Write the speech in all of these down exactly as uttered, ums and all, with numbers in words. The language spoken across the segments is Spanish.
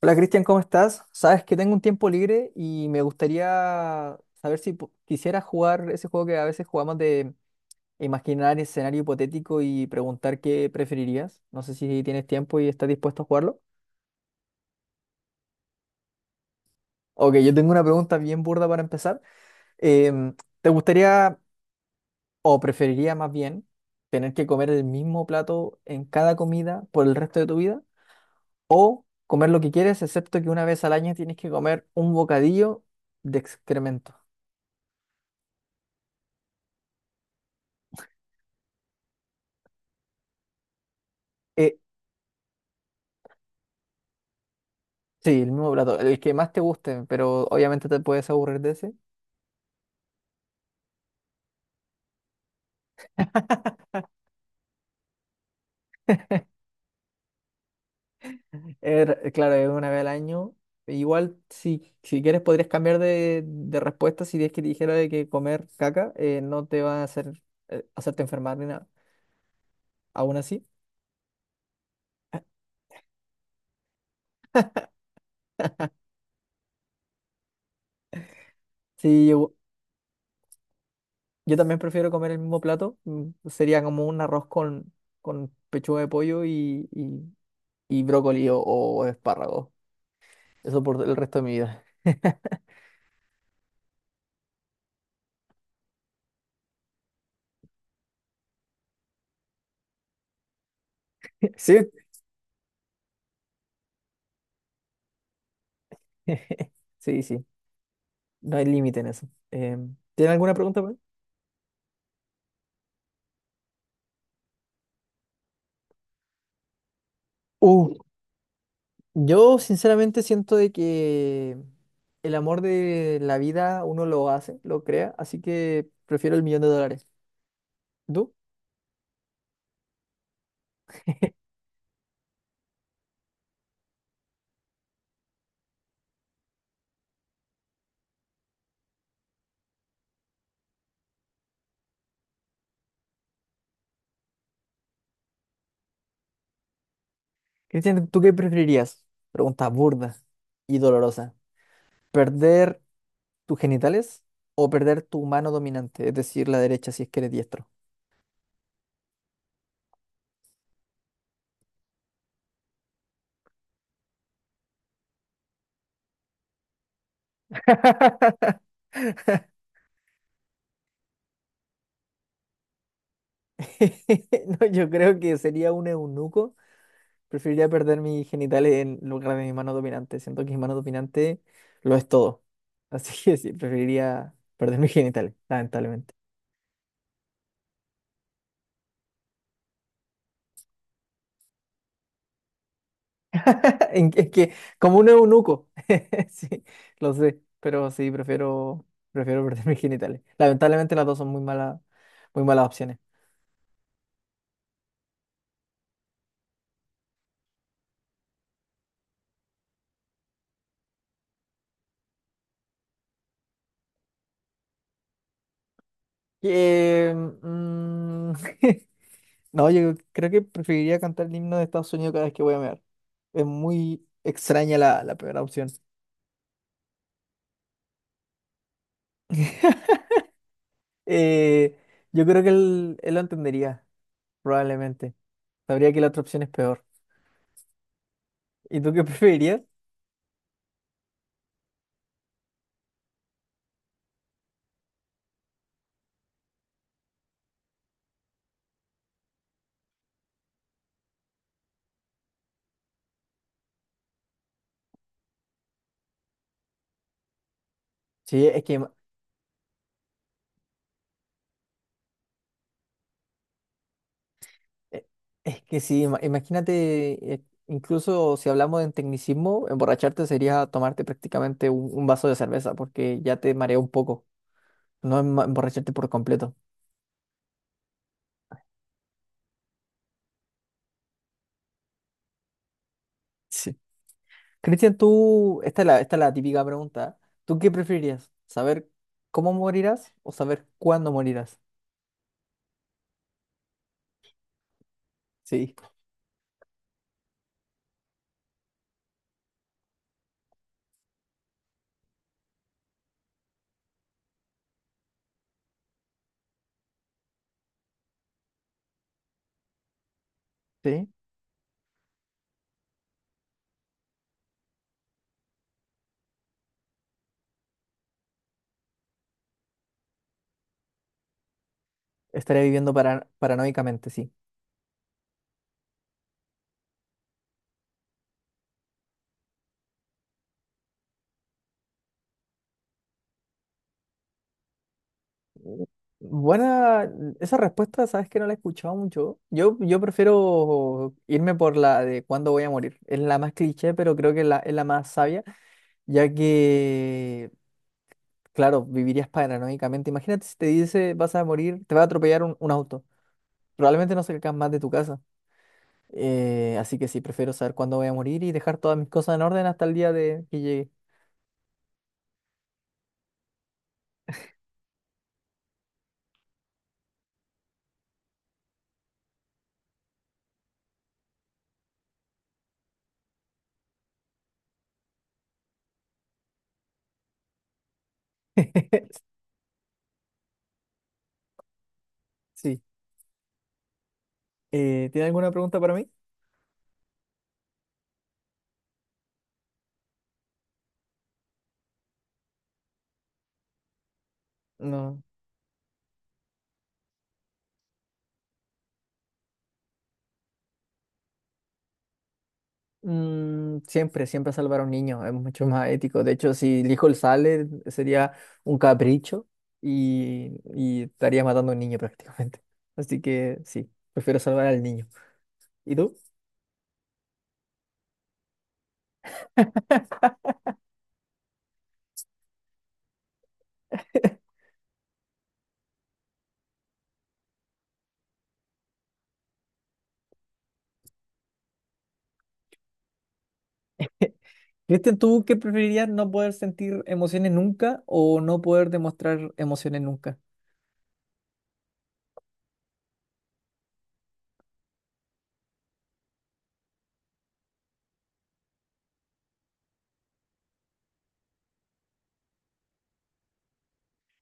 Hola Cristian, ¿cómo estás? Sabes que tengo un tiempo libre y me gustaría saber si po- quisieras jugar ese juego que a veces jugamos de imaginar escenario hipotético y preguntar qué preferirías. No sé si tienes tiempo y estás dispuesto a jugarlo. Ok, yo tengo una pregunta bien burda para empezar. Em, ¿Te gustaría o preferiría más bien tener que comer el mismo plato en cada comida por el resto de tu vida? ¿O comer lo que quieres, excepto que una vez al año tienes que comer un bocadillo de excremento? Eh, Sí, el mismo plato, el que más te guste, pero obviamente te puedes aburrir de ese. Er, claro, es una vez al año. Igual, si, si quieres, podrías cambiar de, de respuesta si es que te dijera de que comer caca eh, no te va a hacer eh, hacerte enfermar ni nada. Aún así, sí, yo, yo también prefiero comer el mismo plato. mm, Sería como un arroz con, con pechuga de pollo y, y, y brócoli o, o espárragos. Eso por el resto de mi vida. Sí. Sí, sí. No hay límite en eso. Em, ¿tiene alguna pregunta para mí? Uh, yo sinceramente siento de que el amor de la vida uno lo hace, lo crea, así que prefiero el millón de dólares. ¿Tú? Cristian, ¿tú qué preferirías? Pregunta burda y dolorosa. ¿Perder tus genitales o perder tu mano dominante, es decir, la derecha si es que eres diestro? No, yo creo que sería un eunuco. Preferiría perder mis genitales en lugar de mi mano dominante. Siento que mi mano dominante lo es todo. Así que sí, preferiría perder mis genitales, lamentablemente. En que- Es que, como un eunuco, sí, lo sé, pero sí, prefiero, prefiero perder mis genitales. Lamentablemente las dos son muy malas, muy malas opciones. Eh, mm, no, yo creo que preferiría cantar el himno de Estados Unidos cada vez que voy a mear. Es muy extraña la, la primera opción. Eh, yo creo que él, él lo entendería, probablemente. Sabría que la otra opción es peor. ¿Y tú qué preferirías? Sí, es que, ima- eh, es que sí, ima- imagínate, eh, incluso si hablamos de tecnicismo, emborracharte sería tomarte prácticamente un, un vaso de cerveza, porque ya te marea un poco, no em- emborracharte por completo. Sí. Cristian, tú, esta es la, esta es la típica pregunta. ¿Tú qué preferirías? ¿Saber cómo morirás o saber cuándo morirás? Sí. Sí, estaría viviendo para, paranoicamente, sí. Buena, esa respuesta, sabes que no la he escuchado mucho. Yo, yo prefiero irme por la de cuándo voy a morir. Es la más cliché, pero creo que la, es la más sabia, ya que, claro, vivirías paranoicamente. Imagínate si te dice vas a morir, te va a atropellar un, un auto. Probablemente no salgas más de tu casa. Eh, así que sí, prefiero saber cuándo voy a morir y dejar todas mis cosas en orden hasta el día de que llegue. Sí. Eh, ¿tiene alguna pregunta para mí? No. Mm, siempre, siempre salvar a un niño es mucho más ético. De hecho, si el hijo sale, sería un capricho y, y estaría matando a un niño prácticamente. Así que sí, prefiero salvar al niño. ¿Y tú? Cristian, ¿tú qué preferirías no poder sentir emociones nunca o no poder demostrar emociones nunca?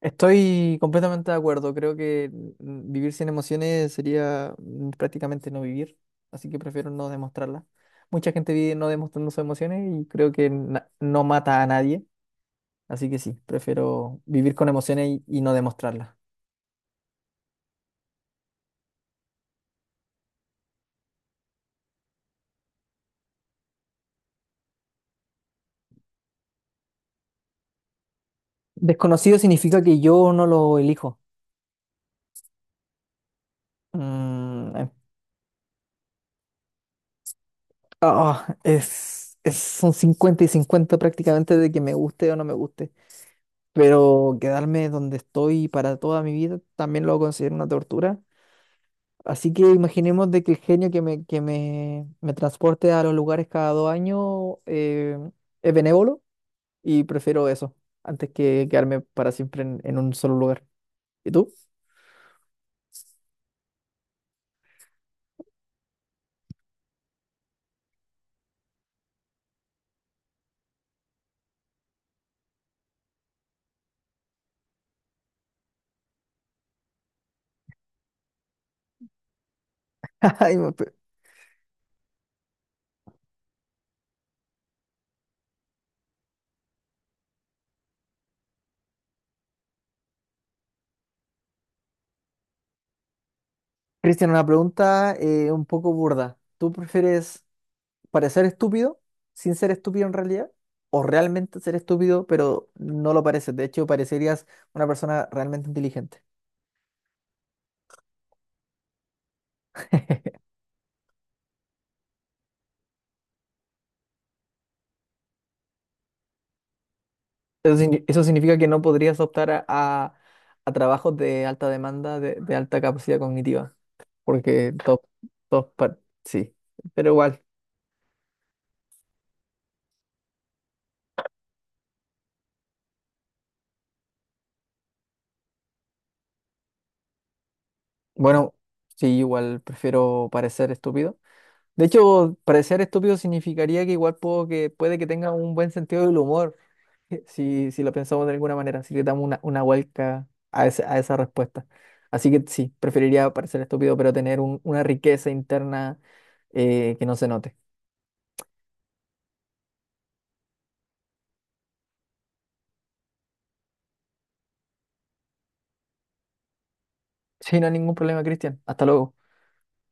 Estoy completamente de acuerdo. Creo que mm, vivir sin emociones sería mm, prácticamente no vivir, así que prefiero no demostrarlas. Mucha gente vive no demostrando sus emociones y creo que na- no mata a nadie, así que sí, prefiero vivir con emociones y, y no demostrarlas. Desconocido significa que yo no lo elijo. Mm, eh, ah, es, es un cincuenta y cincuenta prácticamente de que me guste o no me guste, pero quedarme donde estoy para toda mi vida también lo considero una tortura. Así que imaginemos de que el genio que me, que me, me transporte a los lugares cada dos años eh, es benévolo y prefiero eso antes que quedarme para siempre en, en un solo lugar. ¿Y tú? Ay, me pe- Cristian, una pregunta eh, un poco burda. ¿Tú prefieres parecer estúpido sin ser estúpido en realidad? ¿O realmente ser estúpido pero no lo pareces? De hecho, parecerías una persona realmente inteligente. Eso, signi- eso significa que no podrías optar a, a- a trabajos de alta demanda, de, de alta capacidad cognitiva, porque top, top, par- sí, pero igual, bueno, sí, igual prefiero parecer estúpido. De hecho, parecer estúpido significaría que igual puedo que, puede que tenga un buen sentido del humor, si, si lo pensamos de alguna manera, si le damos una, una vuelta a, ese- a esa respuesta. Así que sí, preferiría parecer estúpido, pero tener un- una riqueza interna eh, que no se note. Sí, no hay ningún problema, Cristian. Hasta luego.